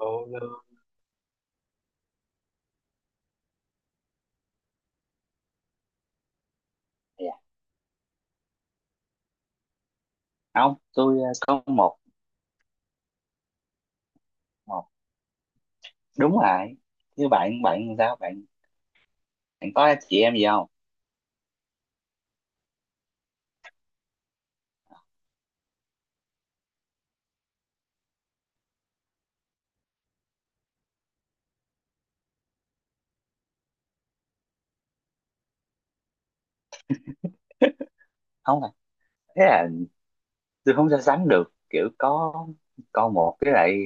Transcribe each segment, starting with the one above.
Ôi, dạ. không tôi ờ, Có một một đúng rồi. Như bạn bạn sao bạn Bạn có chị em gì không? Không à. Thế là tôi không so sánh được, kiểu có con một với lại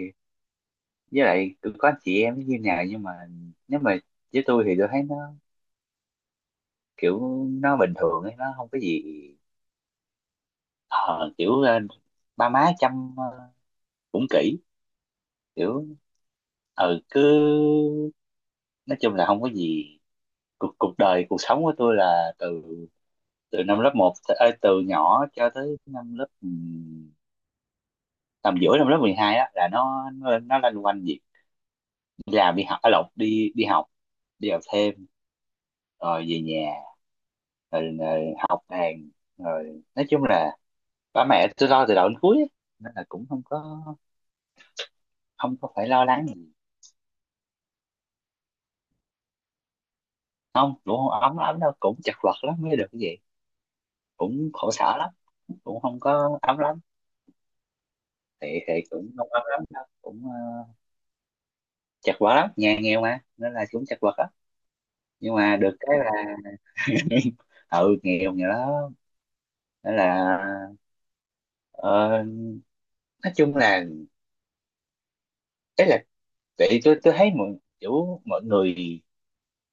với lại tôi có anh chị em như nào. Nhưng mà nếu mà với tôi thì tôi thấy nó kiểu nó bình thường ấy, nó không có gì. ờ, kiểu ờ, Ba má chăm cũng kỹ, kiểu, ừ, cứ nói chung là không có gì. Cuộc cuộc đời cuộc sống của tôi là từ từ năm lớp một, từ nhỏ cho tới năm lớp tầm giữa năm lớp 12 á, là nó loanh quanh việc đi làm đi học, ở lộn đi đi học, đi học thêm, rồi về nhà, rồi học đàn, rồi nói chung là ba mẹ tôi lo từ đầu đến cuối á. Nên là cũng không có, không có phải lo lắng gì. Không, cũng không ấm lắm đâu, cũng chật vật lắm mới được cái gì, cũng khổ sở lắm, cũng không có ấm lắm. Thì cũng không ấm lắm đâu, cũng chật vật lắm, nhà nghèo mà, nên là cũng chật vật. Nhưng mà được cái là ừ, nghèo, nghèo lắm. Nên là, ờ, nói chung là, đấy là, tại tôi thấy mọi người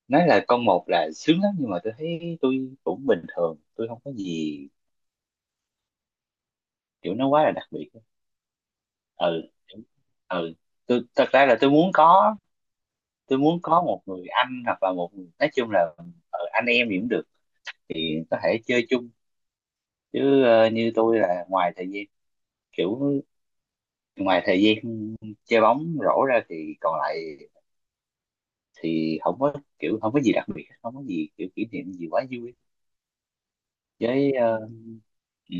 nói là con một là sướng lắm, nhưng mà tôi thấy tôi cũng bình thường, tôi không có gì kiểu nó quá là đặc biệt. Ừ, ừ. tôi thật ra là tôi muốn có Tôi muốn có một người anh hoặc là một người, nói chung là anh em gì cũng được, thì có thể chơi chung. Chứ như tôi là kiểu ngoài thời gian chơi bóng rổ ra thì còn lại thì không có kiểu không có gì đặc biệt, không có gì kiểu kỷ niệm gì quá vui. Với uh, ừ.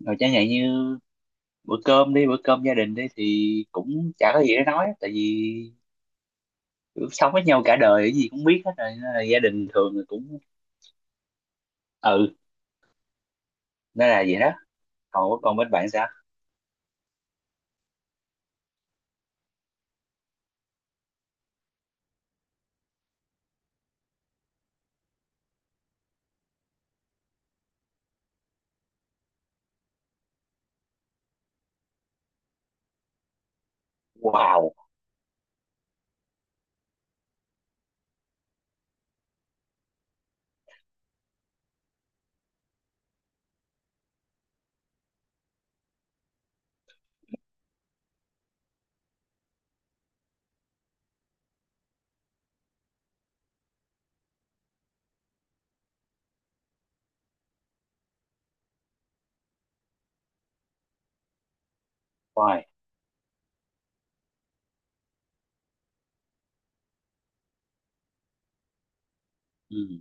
Rồi chẳng hạn như bữa cơm gia đình đi thì cũng chả có gì để nói, tại vì kiểu sống với nhau cả đời cái gì cũng biết hết rồi, nên là gia đình thường là cũng, ừ, nên là vậy đó. Còn, còn bên bạn sao? Wow, wow, ừ,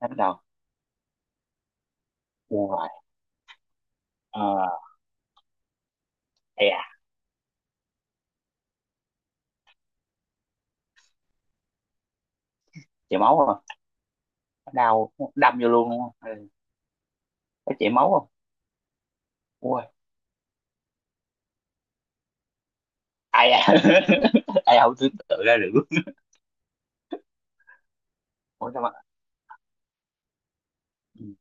bắt đầu, wow. Ờ, ê, à, chảy máu không? Đau, đâm vô luôn đúng không? Ừ. Có chảy máu không? Ai ai ai không tưởng tượng ra được. Ủa sao mà, ừ.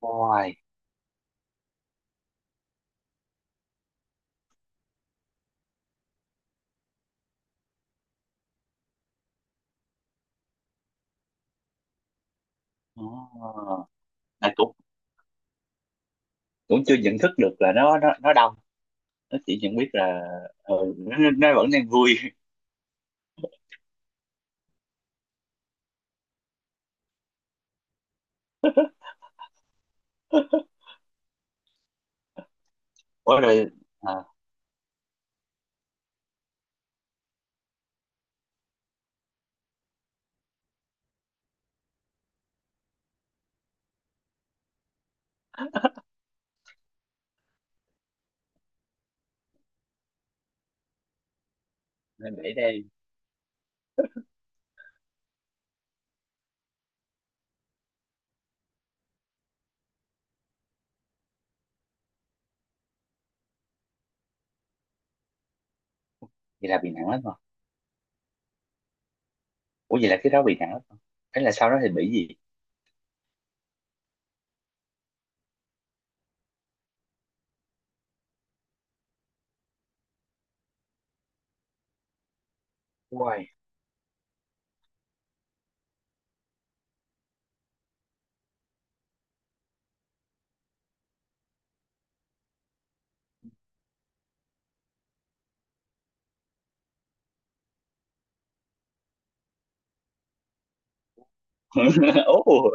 Ôi, oh. Là cũng cũng chưa nhận thức được là nó đông, nó chỉ nhận biết là, ờ, nó vẫn đang vui. Ủa rồi, à, nên để đây. Vậy là bị nặng lắm rồi. Ủa vậy là cái đó bị nặng lắm rồi, thế là sau đó thì bị gì? Ôi. Ủa,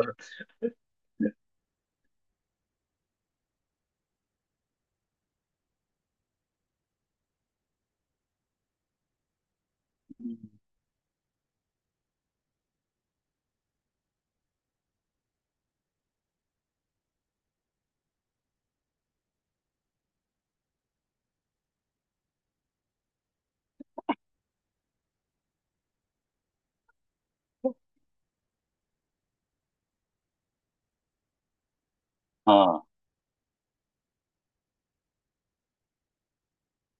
ờ,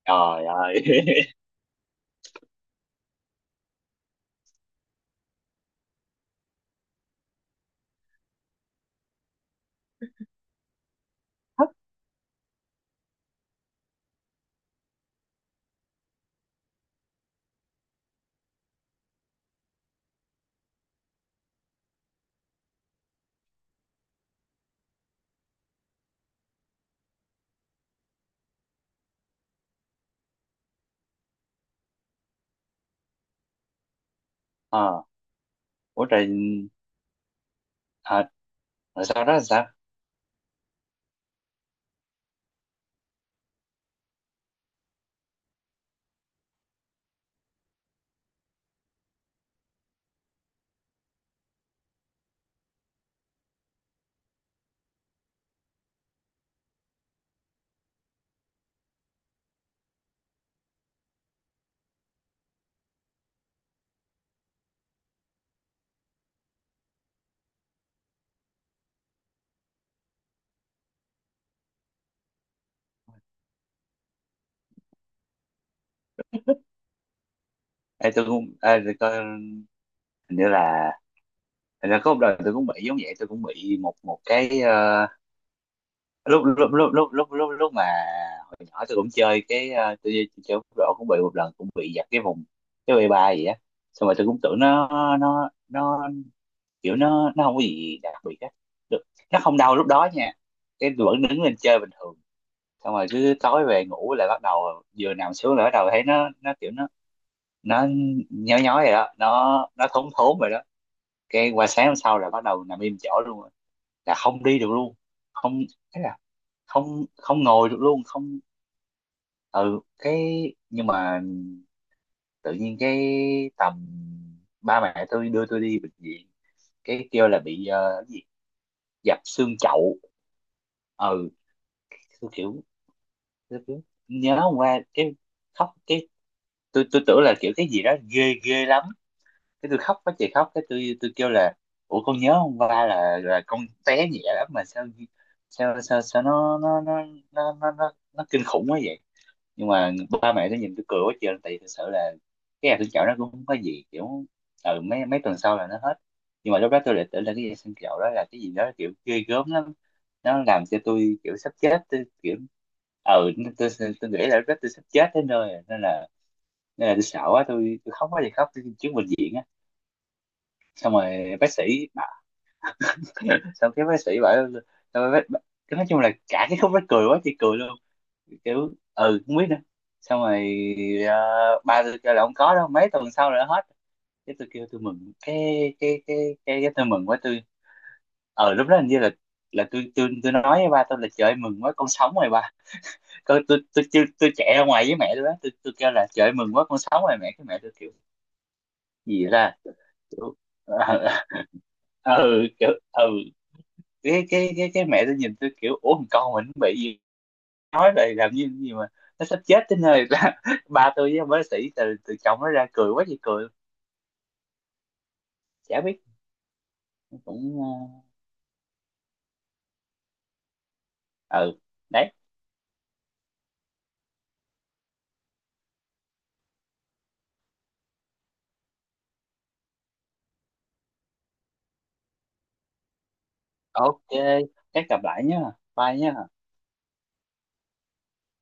trời ơi. Ờ, ủa rồi, à, rồi sau đó là sao? Ê, tôi coi hình như là, thành ra có một đời tôi cũng bị giống vậy, tôi cũng bị một một cái, ờ, lúc lúc lúc lúc lúc lúc lúc mà hồi nhỏ tôi cũng chơi cái, tôi chơi bóng rổ cũng bị một lần, cũng bị giật cái vùng cái bay ba gì á. Xong rồi tôi cũng tưởng nó kiểu nó không có gì đặc biệt á, được, nó không đau lúc đó nha. Cái tôi vẫn đứng lên chơi bình thường, xong rồi cứ tối về ngủ lại, bắt đầu vừa nằm xuống là bắt đầu thấy nó kiểu nó nhói nhói rồi đó, nó thốn thốn rồi đó. Cái qua sáng hôm sau là bắt đầu nằm im chỗ luôn, là không đi được luôn, không, thế là không, không ngồi được luôn, không, ừ. Cái nhưng mà tự nhiên cái tầm ba mẹ tôi đưa tôi đi bệnh viện, cái kêu là bị, cái gì, dập xương chậu, ừ. tôi kiểu tôi kiểu nhớ hôm qua, cái khóc, cái tôi tưởng là kiểu cái gì đó ghê ghê lắm. Cái tôi khóc quá chị, khóc cái tôi kêu là, ủa con nhớ hôm qua là con té nhẹ lắm, mà sao sao sao sao nó nó kinh khủng quá vậy. Nhưng mà ba mẹ nó nhìn tôi cười quá trời, tại vì thực sự là cái hạt thương chậu nó cũng không có gì kiểu, ừ, mấy mấy tuần sau là nó hết. Nhưng mà lúc đó tôi lại tưởng là cái hạt thương chậu đó là cái gì đó kiểu ghê gớm lắm, nó làm cho tôi kiểu sắp chết, tôi kiểu, ừ, tôi nghĩ là lúc đó tôi sắp chết đến nơi rồi. Nên là, nên là tôi sợ quá, tôi khóc quá thì khóc tôi trước bệnh viện á. Xong rồi bác sĩ bảo- xong cái bác sĩ bảo, xong rồi cái nói chung là cả cái khúc đó cười quá chị cười luôn, kiểu ừ không biết nữa. Xong rồi ờ, ba tôi kêu là không có đâu, mấy tuần sau là nó hết. Cái tôi kêu tôi mừng cái, cái cái cái tôi mừng quá tôi, ờ lúc đó hình như là tôi nói với ba tôi là, trời ơi, mừng quá con sống rồi ba. Tôi chạy ra ngoài với mẹ tôi đó, tôi kêu là trời ơi, mừng quá con sống rồi mẹ. Cái mẹ tôi kiểu, gì ra, kiểu, ừ kiểu ừ, cái mẹ tôi nhìn tôi kiểu ủa thằng con mình nó bị gì, nói vậy làm như gì mà nó sắp chết đến nơi ra. Ba tôi với ông bác sĩ từ từ chồng nó ra cười quá chị cười. Chả biết, cũng, ờ, ừ, đấy. Ok, chắc gặp lại nhá, bye nhá.